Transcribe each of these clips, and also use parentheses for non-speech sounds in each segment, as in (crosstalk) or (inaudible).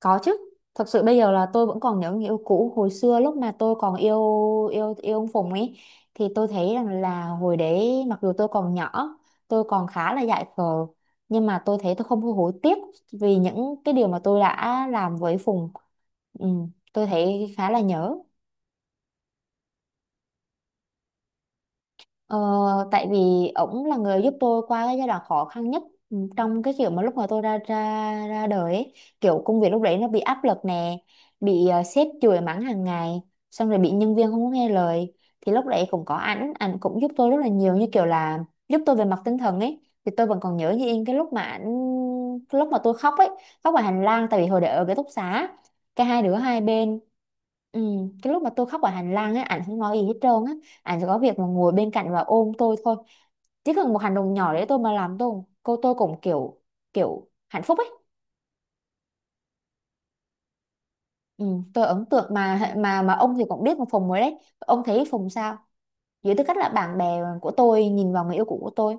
Có chứ. Thật sự bây giờ là tôi vẫn còn nhớ người yêu cũ hồi xưa lúc mà tôi còn yêu yêu yêu ông Phùng ấy thì tôi thấy rằng là hồi đấy mặc dù tôi còn nhỏ, tôi còn khá là dại khờ nhưng mà tôi thấy tôi không hối hối tiếc vì những cái điều mà tôi đã làm với Phùng. Ừ, tôi thấy khá là nhớ. Ờ, tại vì ổng là người giúp tôi qua cái giai đoạn khó khăn nhất, ừ, trong cái kiểu mà lúc mà tôi ra ra ra đời ấy. Kiểu công việc lúc đấy nó bị áp lực nè, bị sếp chửi mắng hàng ngày, xong rồi bị nhân viên không có nghe lời thì lúc đấy cũng có ảnh ảnh cũng giúp tôi rất là nhiều như kiểu là giúp tôi về mặt tinh thần ấy thì tôi vẫn còn nhớ như in cái lúc mà ảnh cái lúc mà tôi khóc ấy, khóc ở hành lang tại vì hồi đấy ở cái ký túc xá cái hai đứa hai bên, ừ, cái lúc mà tôi khóc ở hành lang ấy ảnh không nói gì hết trơn á, anh chỉ có việc mà ngồi bên cạnh và ôm tôi thôi, chỉ cần một hành động nhỏ đấy tôi mà làm tôi cô tôi cũng kiểu kiểu hạnh phúc ấy. Ừ, tôi ấn tượng mà mà ông thì cũng biết một Phùng rồi đấy ông thấy Phùng sao dưới tư cách là bạn bè của tôi nhìn vào người yêu cũ của tôi.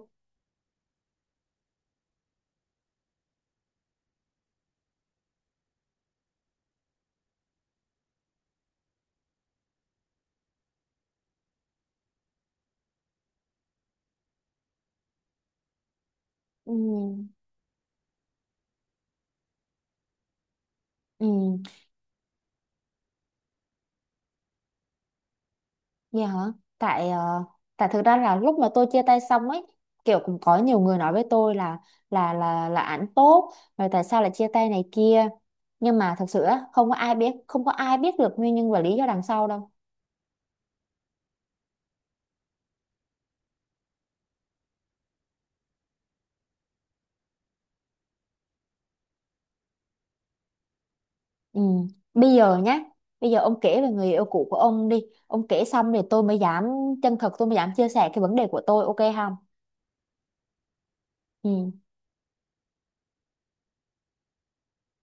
Ừ, ừ. Dạ hả? Tại tại thực ra là lúc mà tôi chia tay xong ấy, kiểu cũng có nhiều người nói với tôi là là ảnh tốt, rồi tại sao lại chia tay này kia. Nhưng mà thật sự á, không có ai biết, không có ai biết được nguyên nhân và lý do đằng sau đâu. Ừ. Bây giờ nhá, bây giờ ông kể về người yêu cũ của ông đi. Ông kể xong thì tôi mới dám chân thật, tôi mới dám chia sẻ cái vấn đề của tôi, ok không? Ừ.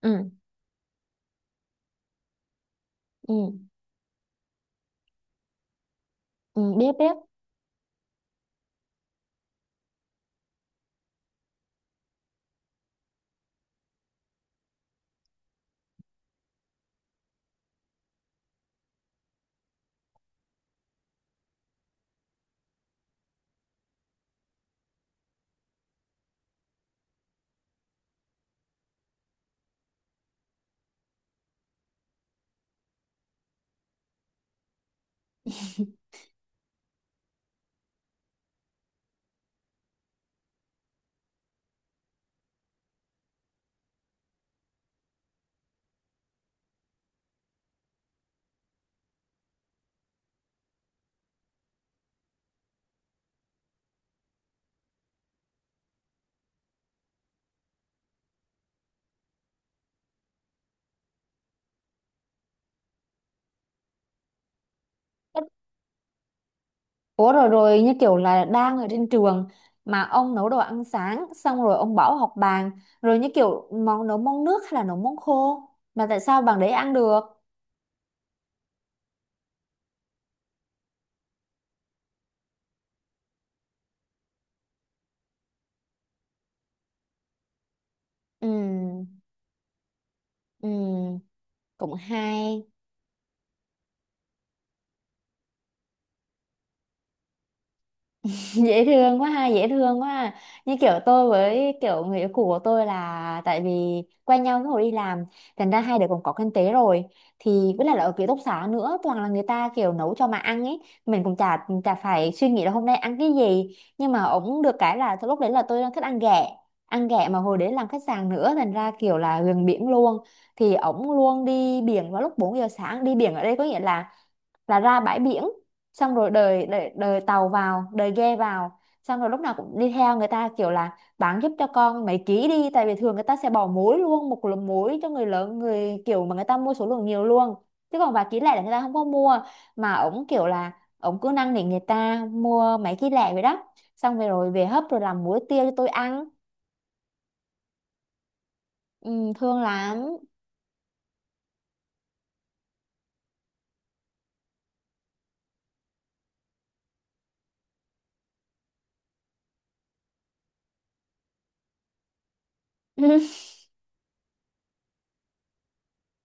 Ừ. Ừ. Ừ. Biết biết. Ủa rồi rồi như kiểu là đang ở trên trường mà ông nấu đồ ăn sáng xong rồi ông bảo học bàn rồi như kiểu món nấu món nước hay là nấu món khô mà tại sao bằng đấy ăn được? Ừ, ừ, cũng hay. (laughs) Dễ thương quá ha, dễ thương quá ha. Như kiểu tôi với kiểu người yêu cũ của tôi là tại vì quen nhau lúc hồi đi làm thành ra hai đứa cũng có kinh tế rồi thì với lại là ở ký túc xá nữa toàn là người ta kiểu nấu cho mà ăn ấy, mình cũng chả chả phải suy nghĩ là hôm nay ăn cái gì nhưng mà ổng được cái là lúc đấy là tôi đang thích ăn ghẹ, ăn ghẹ mà hồi đấy làm khách sạn nữa thành ra kiểu là gần biển luôn thì ổng luôn đi biển vào lúc 4 giờ sáng, đi biển ở đây có nghĩa là ra bãi biển xong rồi đời đời, đời tàu vào đời ghe vào xong rồi lúc nào cũng đi theo người ta kiểu là bán giúp cho con mấy ký đi tại vì thường người ta sẽ bỏ muối luôn một lượng muối cho người lớn người kiểu mà người ta mua số lượng nhiều luôn, chứ còn vài ký lẻ là người ta không có mua, mà ổng kiểu là ổng cứ năn nỉ người ta mua mấy ký lẻ vậy đó xong rồi rồi về hấp rồi làm muối tiêu cho tôi ăn. Ừ, thương lắm. (laughs)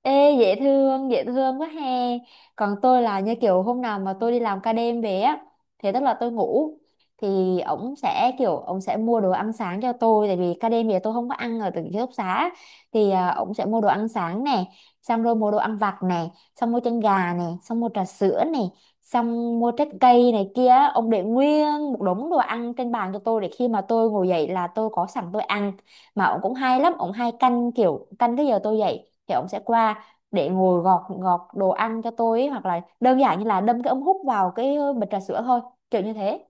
Ê dễ thương quá he. Còn tôi là như kiểu hôm nào mà tôi đi làm ca đêm về á, thì tức là tôi ngủ thì ổng sẽ kiểu ổng sẽ mua đồ ăn sáng cho tôi tại vì ca đêm về tôi không có ăn ở từ ký túc xá thì ổng sẽ mua đồ ăn sáng nè, xong rồi mua đồ ăn vặt nè, xong mua chân gà nè, xong mua trà sữa nè, xong mua trái cây này kia, ông để nguyên một đống đồ ăn trên bàn cho tôi để khi mà tôi ngồi dậy là tôi có sẵn tôi ăn. Mà ổng cũng hay lắm, ổng hay canh kiểu canh cái giờ tôi dậy thì ổng sẽ qua để ngồi gọt gọt đồ ăn cho tôi ấy, hoặc là đơn giản như là đâm cái ống hút vào cái bịch trà sữa thôi, kiểu như thế.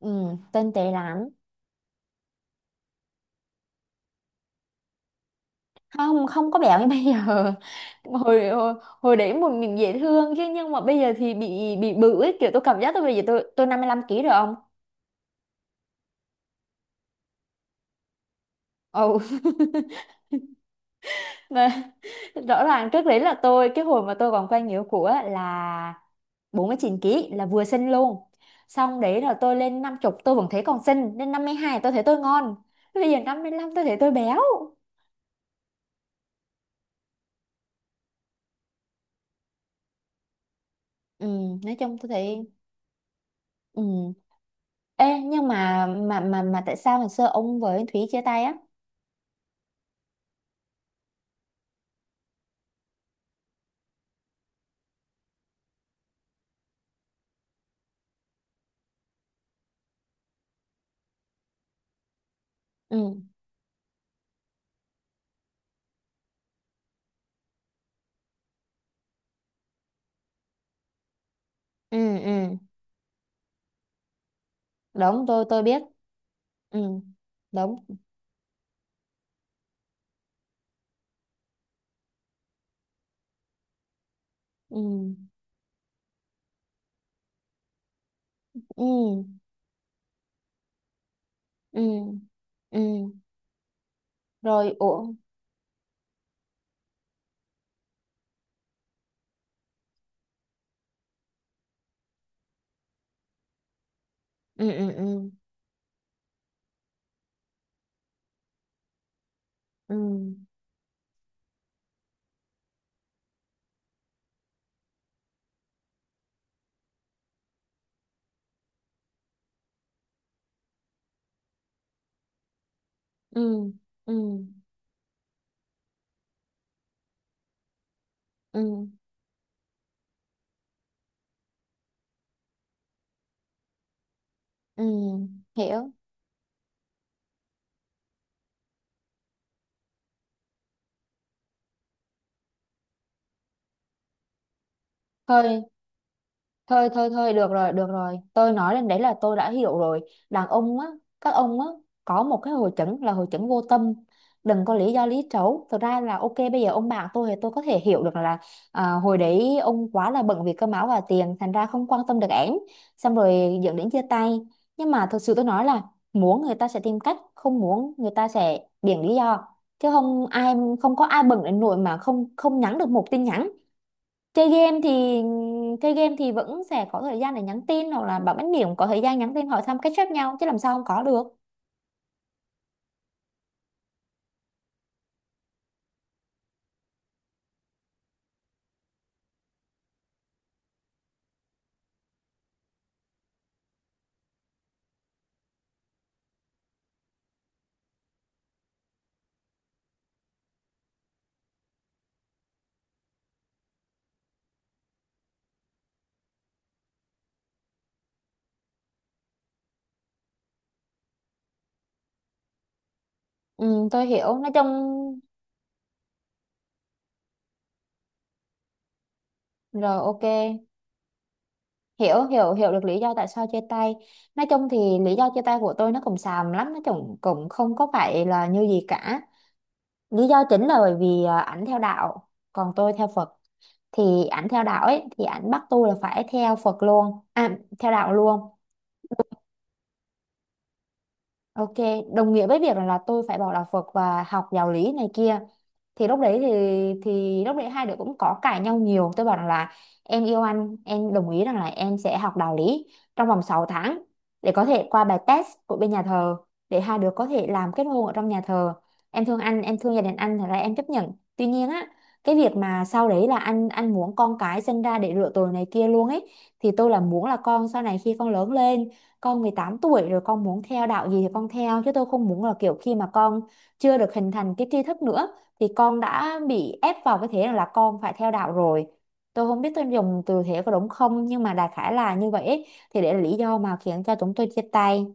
Ừ, tinh tế lắm. Không, không có béo như bây giờ. (laughs) hồi hồi, Hồi đấy mình dễ thương chứ nhưng mà bây giờ thì bị bự ấy kiểu tôi cảm giác tôi bây giờ tôi 55 ký rồi ông. Ồ. (laughs) Mà rõ ràng trước đấy là tôi cái hồi mà tôi còn quen người yêu cũ á là 49 kg là vừa xinh luôn, xong đấy là tôi lên 50 tôi vẫn thấy còn xinh, lên 52 tôi thấy tôi ngon, bây giờ 55 tôi thấy tôi béo. Ừ, nói chung tôi thấy. Ừ. Ê, nhưng mà tại sao ngày xưa ông với Thúy chia tay á. Ừ, ừ, ừ. Đúng, tôi biết. Ừ, đúng. Ừ, ừ, ừ, ừ rồi, ủa. Ừ, ừ, ừ, ừ, ừ, ừ, ừ, ừ, hiểu. Thôi thôi thôi thôi được rồi, được rồi, tôi nói đến đấy là tôi đã hiểu rồi. Đàn ông á, các ông á, có một cái hội chứng là hội chứng vô tâm, đừng có lý do lý trấu. Thực ra là ok bây giờ ông bạn tôi thì tôi có thể hiểu được là à, hồi đấy ông quá là bận vì cơm áo và tiền thành ra không quan tâm được ẻn xong rồi dẫn đến chia tay. Nhưng mà thực sự tôi nói là muốn người ta sẽ tìm cách, không muốn người ta sẽ biện lý do. Chứ không ai, không có ai bận đến nỗi mà không không nhắn được một tin nhắn. Chơi game thì vẫn sẽ có thời gian để nhắn tin hoặc là bảo bánh điểm có thời gian nhắn tin hỏi thăm catch up nhau chứ làm sao không có được. Ừ, tôi hiểu, nói chung rồi ok. Hiểu hiểu hiểu được lý do tại sao chia tay. Nói chung thì lý do chia tay của tôi nó cũng xàm lắm, nó cũng cũng không có phải là như gì cả, lý do chính là bởi vì à, ảnh theo đạo còn tôi theo Phật thì ảnh theo đạo ấy thì ảnh bắt tôi là phải theo Phật luôn à, theo đạo luôn. Ok, đồng nghĩa với việc là tôi phải bỏ đạo Phật và học giáo lý này kia. Thì lúc đấy thì Lúc đấy hai đứa cũng có cãi nhau nhiều. Tôi bảo rằng là em yêu anh, em đồng ý rằng là em sẽ học đạo lý trong vòng 6 tháng để có thể qua bài test của bên nhà thờ để hai đứa có thể làm kết hôn ở trong nhà thờ. Em thương anh, em thương gia đình anh thì là em chấp nhận. Tuy nhiên á, cái việc mà sau đấy là anh muốn con cái sinh ra để rửa tội này kia luôn ấy thì tôi là muốn là con sau này khi con lớn lên con 18 tuổi rồi con muốn theo đạo gì thì con theo, chứ tôi không muốn là kiểu khi mà con chưa được hình thành cái tri thức nữa thì con đã bị ép vào cái thế là con phải theo đạo rồi. Tôi không biết tôi dùng từ thế có đúng không nhưng mà đại khái là như vậy ấy. Thì để là lý do mà khiến cho chúng tôi chia tay.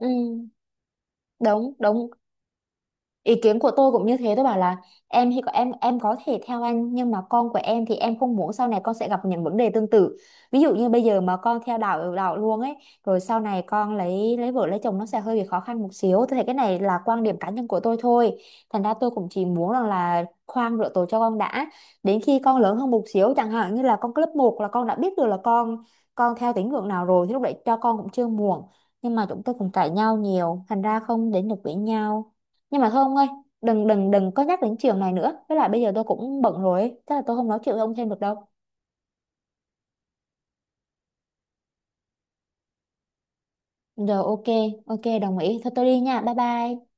Ừ, đúng đúng, ý kiến của tôi cũng như thế, tôi bảo là em thì có em có thể theo anh nhưng mà con của em thì em không muốn sau này con sẽ gặp những vấn đề tương tự, ví dụ như bây giờ mà con theo đạo đạo luôn ấy rồi sau này con lấy vợ lấy chồng nó sẽ hơi bị khó khăn một xíu, tôi thấy cái này là quan điểm cá nhân của tôi thôi, thành ra tôi cũng chỉ muốn rằng là khoan rửa tội cho con đã, đến khi con lớn hơn một xíu chẳng hạn như là con lớp một là con đã biết được là con theo tín ngưỡng nào rồi thì lúc đấy cho con cũng chưa muộn. Nhưng mà chúng tôi cũng cãi nhau nhiều thành ra không đến được với nhau. Nhưng mà thôi ông ơi, đừng đừng đừng có nhắc đến chiều này nữa, với lại bây giờ tôi cũng bận rồi ấy. Chắc là tôi không nói chuyện với ông thêm được đâu. Rồi ok, ok đồng ý, thôi tôi đi nha, bye bye.